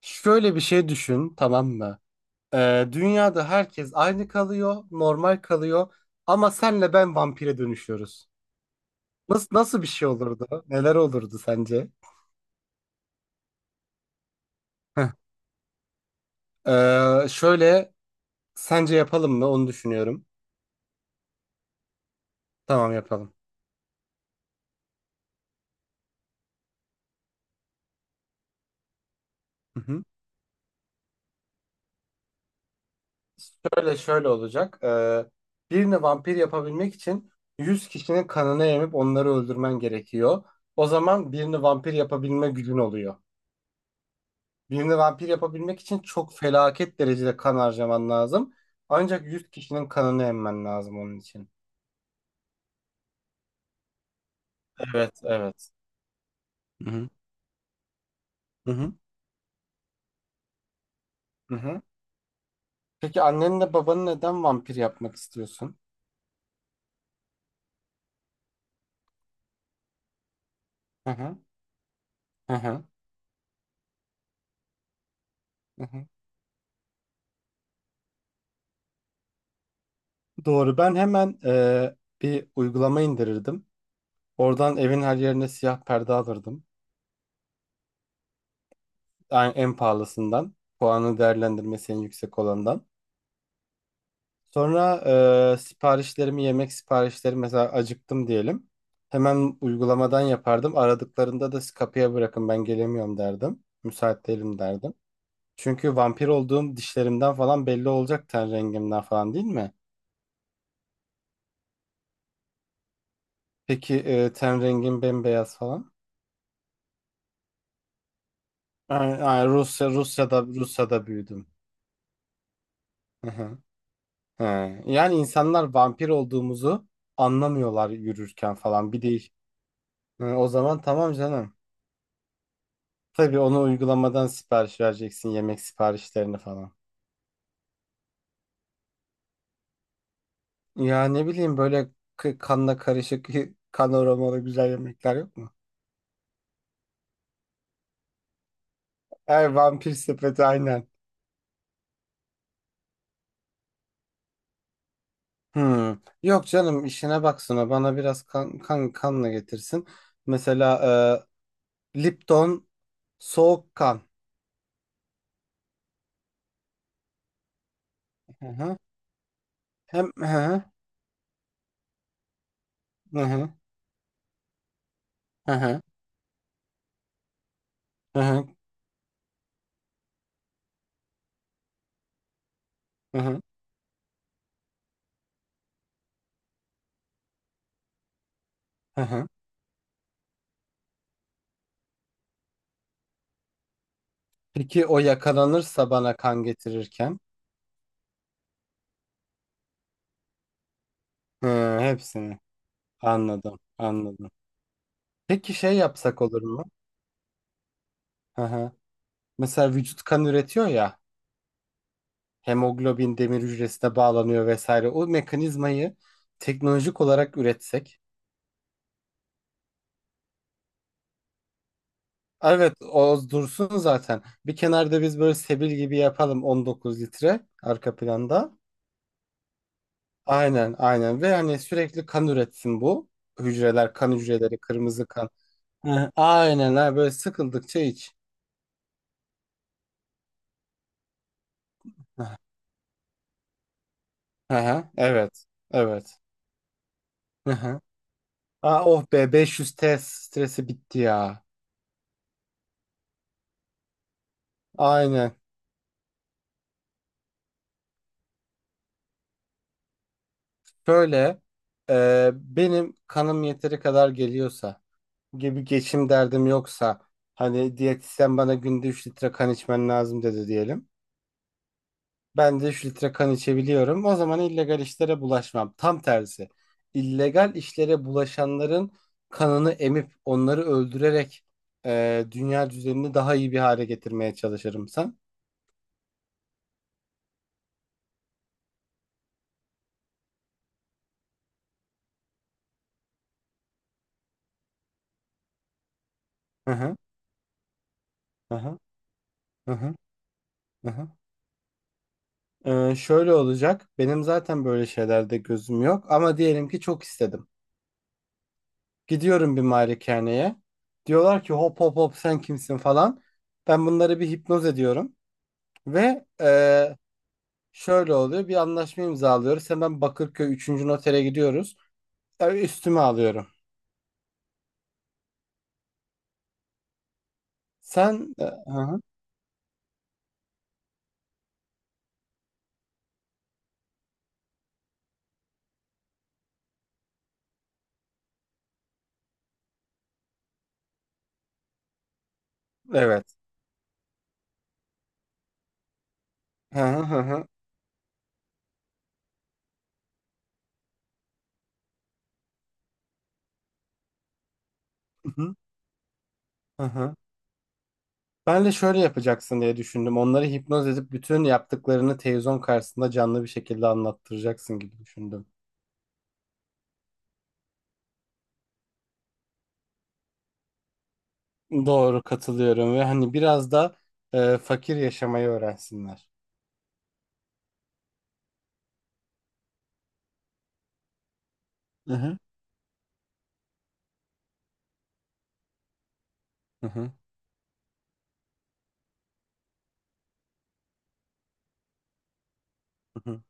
Şöyle bir şey düşün, tamam mı? Dünyada herkes aynı kalıyor, normal kalıyor ama senle ben vampire dönüşüyoruz. Nasıl bir şey olurdu? Neler olurdu sence? Heh. Şöyle sence yapalım mı? Onu düşünüyorum. Tamam yapalım. Hı hı. Şöyle olacak. Birini vampir yapabilmek için 100 kişinin kanını emip onları öldürmen gerekiyor. O zaman birini vampir yapabilme gücün oluyor. Birini vampir yapabilmek için çok felaket derecede kan harcaman lazım. Ancak 100 kişinin kanını emmen lazım onun için. Evet, evet. Hı hı. Hı hı. Hı hı. Peki annenle babanı neden vampir yapmak istiyorsun? Hı hı. Hı hı. Hı hı. Doğru. Ben hemen bir uygulama indirirdim. Oradan evin her yerine siyah perde alırdım. Yani en pahalısından. Puanı değerlendirmesi en yüksek olandan. Sonra siparişlerimi, yemek siparişleri mesela acıktım diyelim. Hemen uygulamadan yapardım. Aradıklarında da "Siz kapıya bırakın ben gelemiyorum" derdim. Müsait değilim derdim. Çünkü vampir olduğum dişlerimden falan belli olacak, ten rengimden falan, değil mi? Peki ten rengim bembeyaz falan. Yani Rusya'da büyüdüm. Hı hı. He. Yani insanlar vampir olduğumuzu anlamıyorlar yürürken falan. Bir değil. Hı, o zaman tamam canım. Tabii onu uygulamadan sipariş vereceksin, yemek siparişlerini falan. Ya ne bileyim böyle kanla karışık kanoralı güzel yemekler yok mu? Ay vampir sepeti aynen. Hmm. Yok canım, işine baksana, bana biraz kan kanla getirsin. Mesela Lipton soğuk kan. Hı hı. Hem hı hı hı hı hı hı hı hı hı hı hı. Peki o yakalanırsa bana kan getirirken? Hı, hepsini anladım, anladım. Peki şey yapsak olur mu? Hı hı. Mesela vücut kan üretiyor ya, hemoglobin demir hücresine bağlanıyor vesaire. O mekanizmayı teknolojik olarak üretsek. Ah, evet, o dursun zaten. Bir kenarda biz böyle sebil gibi yapalım, 19 litre arka planda. Aynen, aynen. Ve hani sürekli kan üretsin bu hücreler, kan hücreleri, kırmızı kan. Hı hı. Aynen, ha böyle sıkıldıkça iç. Hı hı. Evet, evet. Hı hı. Aa, oh be, 500 test stresi bitti ya. Aynen. Şöyle benim kanım yeteri kadar geliyorsa gibi geçim derdim, yoksa hani diyetisyen bana günde 3 litre kan içmen lazım dedi diyelim. Ben de 3 litre kan içebiliyorum. O zaman illegal işlere bulaşmam. Tam tersi. İllegal işlere bulaşanların kanını emip onları öldürerek dünya düzenini daha iyi bir hale getirmeye çalışırım sen. Aha, aha, aha, aha. Şöyle olacak. Benim zaten böyle şeylerde gözüm yok, ama diyelim ki çok istedim. Gidiyorum bir malikaneye. Diyorlar ki hop hop hop, sen kimsin falan. Ben bunları bir hipnoz ediyorum ve şöyle oluyor. Bir anlaşma imzalıyoruz. Hemen Bakırköy üçüncü notere gidiyoruz. Tabii üstüme alıyorum. Sen hı hı, evet. Hı hı hı hı. Hı hı. Hı. Ben de şöyle yapacaksın diye düşündüm. Onları hipnoz edip bütün yaptıklarını televizyon karşısında canlı bir şekilde anlattıracaksın gibi düşündüm. Doğru, katılıyorum. Ve hani biraz da fakir yaşamayı öğrensinler. Hı hı. Hı hı. Hı hı.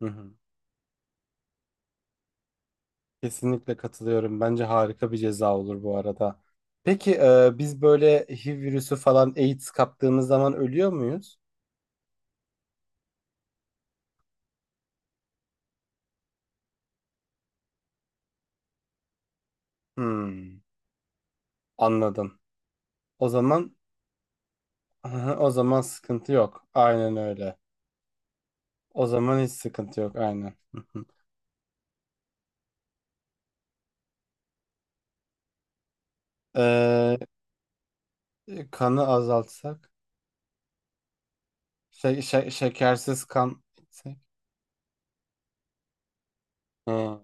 Hı hı. Kesinlikle katılıyorum. Bence harika bir ceza olur bu arada. Peki biz böyle HIV virüsü falan, AIDS kaptığımız zaman ölüyor muyuz? Hmm, anladım. O zaman o zaman sıkıntı yok. Aynen öyle. O zaman hiç sıkıntı yok. Aynen. Ee, Kanı azaltsak, şey, şekersiz kan içsek. Hı.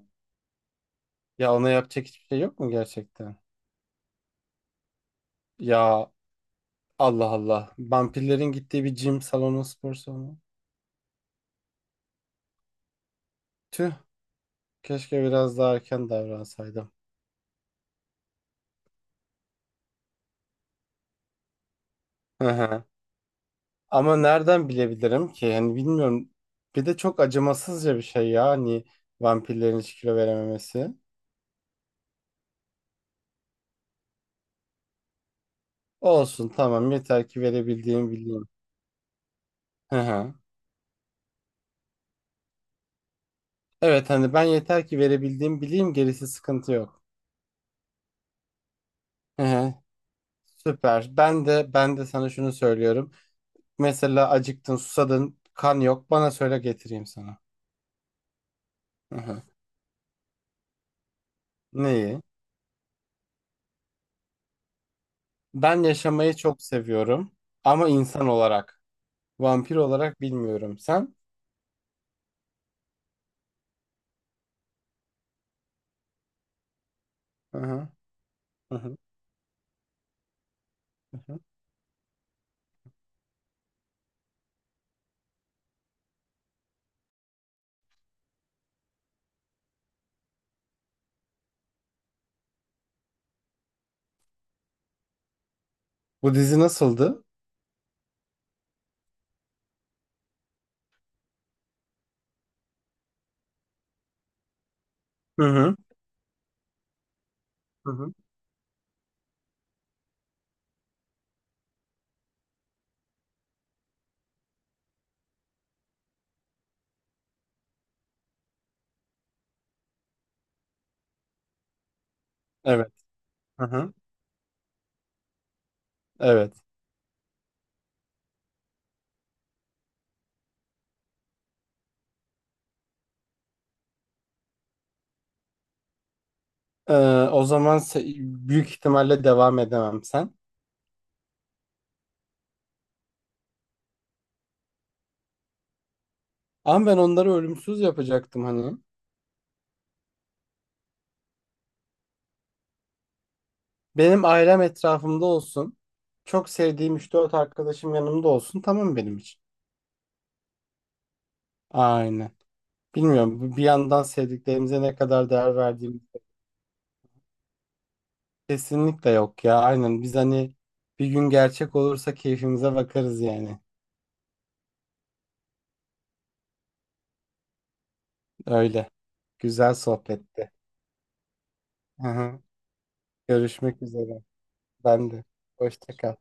Ya ona yapacak hiçbir şey yok mu gerçekten? Ya Allah Allah. Vampirlerin gittiği bir gym salonu, spor salonu. Tüh, keşke biraz daha erken davransaydım. Hı hı. Ama nereden bilebilirim ki? Yani bilmiyorum. Bir de çok acımasızca bir şey ya. Hani vampirlerin hiç kilo verememesi. Olsun, tamam, yeter ki verebildiğim bileyim. Hı hı. Evet, hani ben yeter ki verebildiğim bileyim, gerisi sıkıntı yok. Hı hı. Süper. Ben de sana şunu söylüyorum. Mesela acıktın, susadın, kan yok. Bana söyle, getireyim sana. Hı hı. Neyi? Ben yaşamayı çok seviyorum, ama insan olarak, vampir olarak bilmiyorum. Sen? Hı hı. Hı hı. Hı hı. Bu dizi nasıldı? Hı hı. Hı hı. Evet. Hı hı. Evet. Ee, O zaman büyük ihtimalle devam edemem sen. Ama ben onları ölümsüz yapacaktım hani. Benim ailem etrafımda olsun. Çok sevdiğim üç dört arkadaşım yanımda olsun. Tamam benim için. Aynen. Bilmiyorum, bu bir yandan sevdiklerimize ne kadar değer verdiğimiz kesinlikle yok ya. Aynen, biz hani bir gün gerçek olursa keyfimize bakarız yani. Öyle. Güzel sohbetti. Hı hı. Görüşmek üzere. Ben de. Hoşça kal.